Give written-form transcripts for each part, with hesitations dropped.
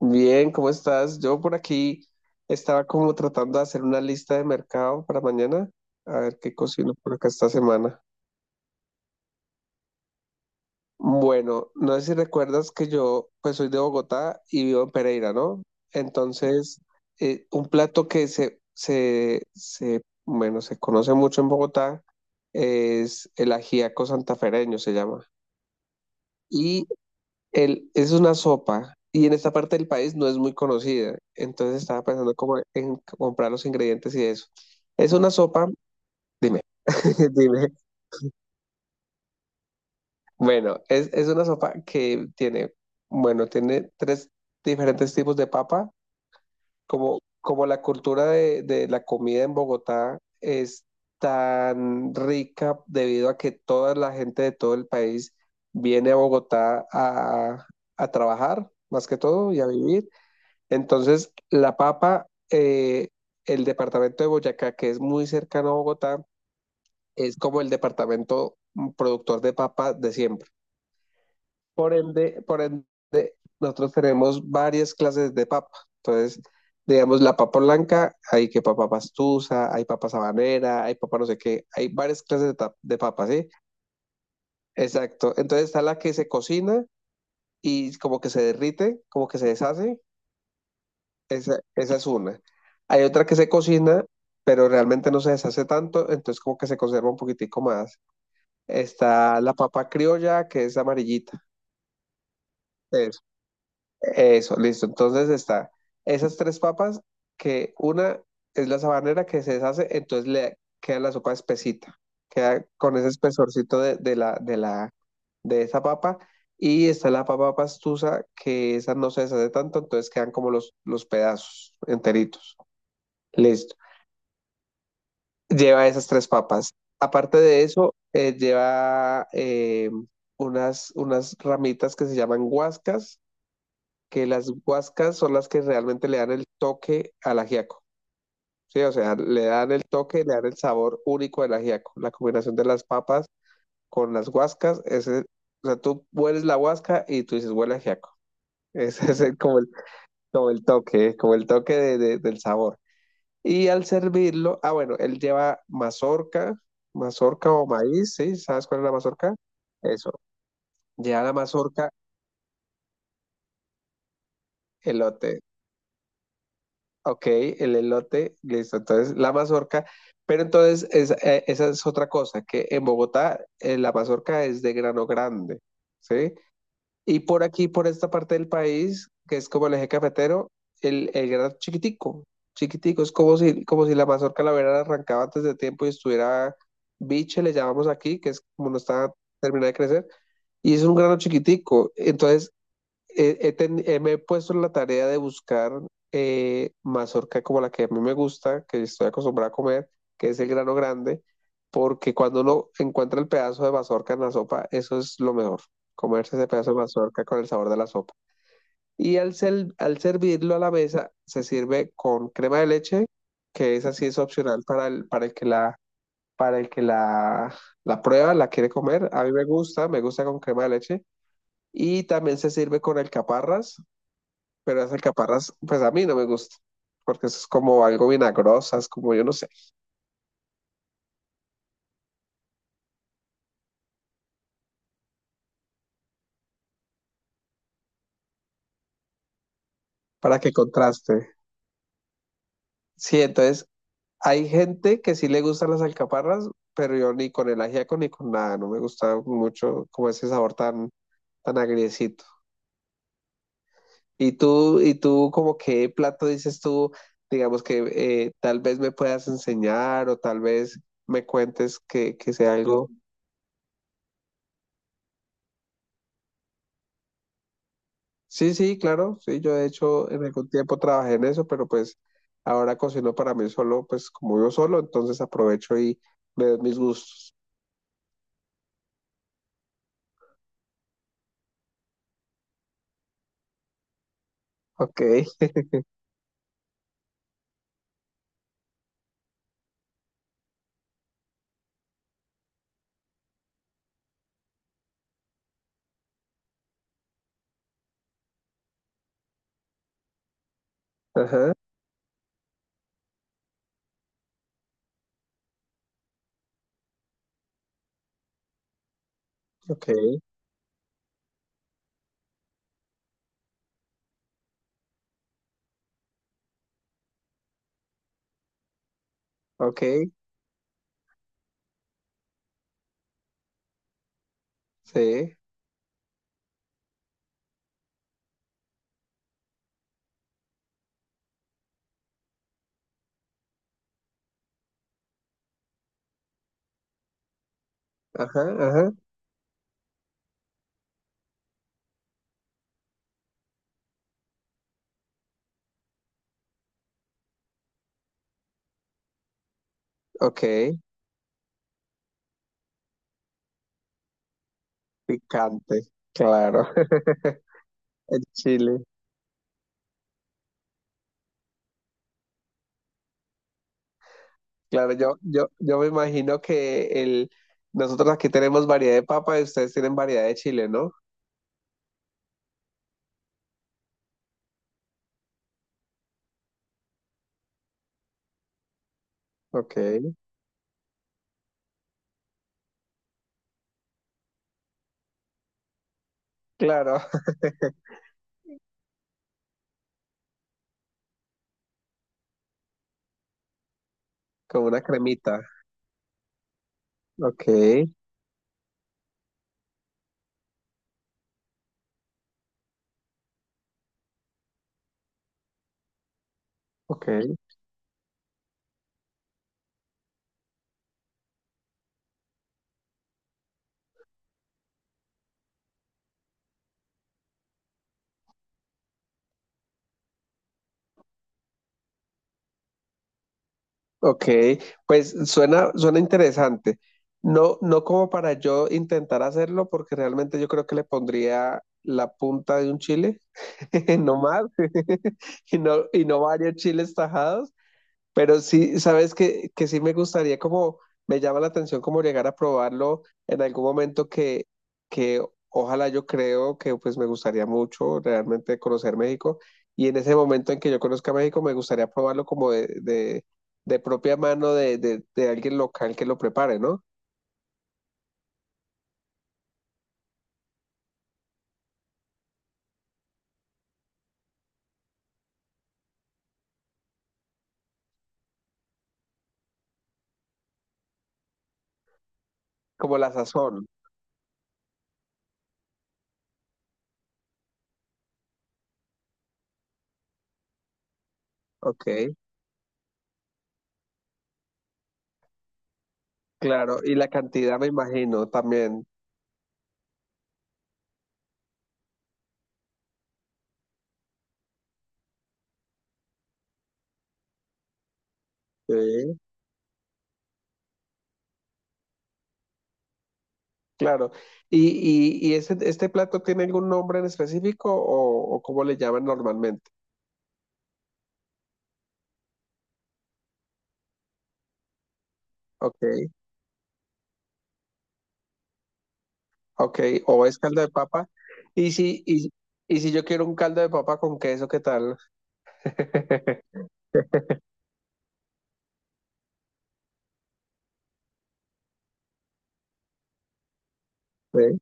Bien, ¿cómo estás? Yo por aquí estaba como tratando de hacer una lista de mercado para mañana, a ver qué cocino por acá esta semana. Bueno, no sé si recuerdas que yo pues soy de Bogotá y vivo en Pereira, ¿no? Entonces, un plato que bueno, se conoce mucho en Bogotá es el ajíaco santafereño, se llama. Y es una sopa y en esta parte del país no es muy conocida. Entonces estaba pensando como en comprar los ingredientes y eso. Es una sopa, dime, dime. Bueno, es una sopa que tiene, bueno, tiene tres diferentes tipos de papa. Como la cultura de la comida en Bogotá es tan rica debido a que toda la gente de todo el país viene a Bogotá a trabajar, más que todo, y a vivir. Entonces, la papa, el departamento de Boyacá, que es muy cercano a Bogotá, es como el departamento productor de papa de siempre. Por ende, nosotros tenemos varias clases de papa. Entonces, digamos, la papa blanca, hay que papa pastusa, hay papa sabanera, hay papa no sé qué, hay varias clases de papa, ¿sí? Exacto. Entonces está la que se cocina y como que se derrite, como que se deshace. Esa es una. Hay otra que se cocina, pero realmente no se deshace tanto, entonces como que se conserva un poquitico más. Está la papa criolla, que es amarillita. Eso, eso, listo. Entonces está esas tres papas, que una es la sabanera que se deshace, entonces le queda la sopa espesita, queda con ese espesorcito de la, de esa papa. Y está la papa pastusa, que esa no se deshace tanto, entonces quedan como los pedazos enteritos. Listo. Lleva esas tres papas. Aparte de eso, lleva unas ramitas que se llaman guascas, que las guascas son las que realmente le dan el toque al ajiaco. Sí, o sea, le dan el toque, le dan el sabor único del ajiaco. La combinación de las papas con las guascas, ese, o sea, tú hueles la guasca y tú dices, huele a ajiaco. Como como el toque del sabor. Y al servirlo, ah, bueno, él lleva mazorca, mazorca o maíz, ¿sí? ¿Sabes cuál es la mazorca? Eso. Lleva la mazorca, elote. Ok, el elote, listo. Entonces, la mazorca. Pero entonces, esa es otra cosa, que en Bogotá la mazorca es de grano grande, ¿sí? Y por aquí, por esta parte del país, que es como el eje cafetero, el grano chiquitico, chiquitico, es como si la mazorca la hubiera arrancado antes de tiempo y estuviera biche, le llamamos aquí, que es como no está terminada de crecer, y es un grano chiquitico. Entonces, me he puesto en la tarea de buscar mazorca como la que a mí me gusta, que estoy acostumbrada a comer, que es el grano grande, porque cuando uno encuentra el pedazo de mazorca en la sopa, eso es lo mejor, comerse ese pedazo de mazorca con el sabor de la sopa. Al servirlo a la mesa, se sirve con crema de leche, que esa sí es opcional para el que la, para el que la prueba, la quiere comer. A mí me gusta con crema de leche. Y también se sirve con alcaparras, pero las alcaparras, pues a mí no me gusta, porque eso es como algo vinagrosa, es como yo no sé, para que contraste. Sí, entonces hay gente que sí le gustan las alcaparras, pero yo ni con el ajíaco ni con nada, no me gusta mucho como ese sabor tan, tan agriecito. Y tú, como qué plato dices tú, digamos que tal vez me puedas enseñar o tal vez me cuentes que sea algo. Sí, sí, claro, sí, yo de hecho en algún tiempo trabajé en eso, pero pues ahora cocino para mí solo, pues como yo solo, entonces aprovecho y me doy mis gustos. Ok, ajá, ok, ok, sí, ajá, ajá, ok, picante, claro, el chile. Claro, yo me imagino que el, nosotros aquí tenemos variedad de papa y ustedes tienen variedad de chile, ¿no? Ok, claro, como una cremita, ok, ok. Ok, pues suena, suena interesante. No, no como para yo intentar hacerlo, porque realmente yo creo que le pondría la punta de un chile, no más, y no varios chiles tajados, pero sí, sabes que sí me gustaría como, me llama la atención como llegar a probarlo en algún momento que ojalá yo creo que pues me gustaría mucho realmente conocer México y en ese momento en que yo conozca México me gustaría probarlo como de propia mano de alguien local que lo prepare, ¿no? Como la sazón, ok, claro, y la cantidad me imagino también. Sí. Claro. ¿Y, y ese, este plato tiene algún nombre en específico o cómo le llaman normalmente? Ok, ok. ¿O es caldo de papa? Y si, y, y si yo quiero un caldo de papa con queso, ¿qué tal? Sí.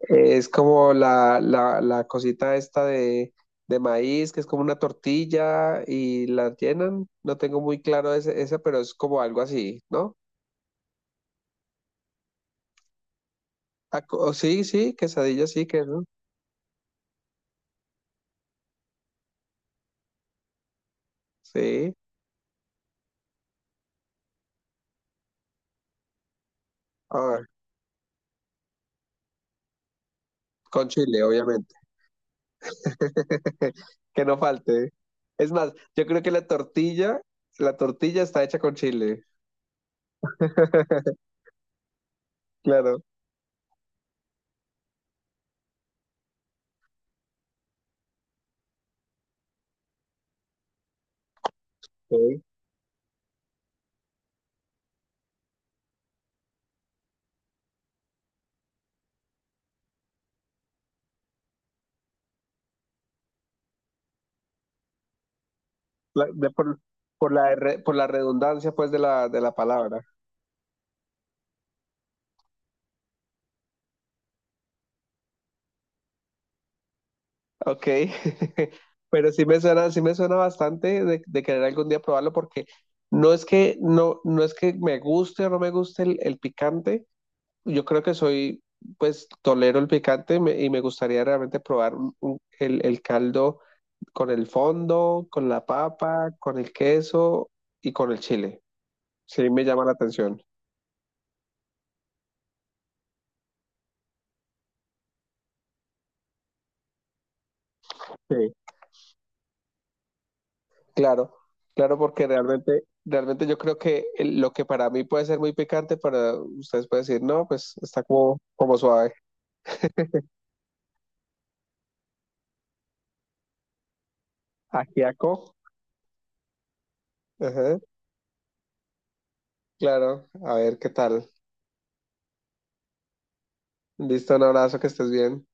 Es como la cosita esta de maíz, que es como una tortilla y la llenan. No tengo muy claro ese, ese, pero es como algo así, ¿no? Ah, co- sí, sí, quesadilla, sí, queso. Sí. Ah, con chile, obviamente. Que no falte. Es más, yo creo que la tortilla está hecha con chile. Claro. Ok. La- de por la, re- por la redundancia, pues, de la palabra. Ok. Pero sí me suena bastante de querer algún día probarlo porque no es que, no, no es que me guste o no me guste el picante. Yo creo que soy, pues, tolero el picante me- y me gustaría realmente probar el caldo con el fondo, con la papa, con el queso y con el chile. Sí, me llama la atención. Sí, claro, claro, porque realmente, realmente yo creo que el- lo que para mí puede ser muy picante, para ustedes pueden decir, no, pues está como, como suave. Ajiaco. Ajá, claro, a ver qué tal. Listo, un abrazo, que estés bien.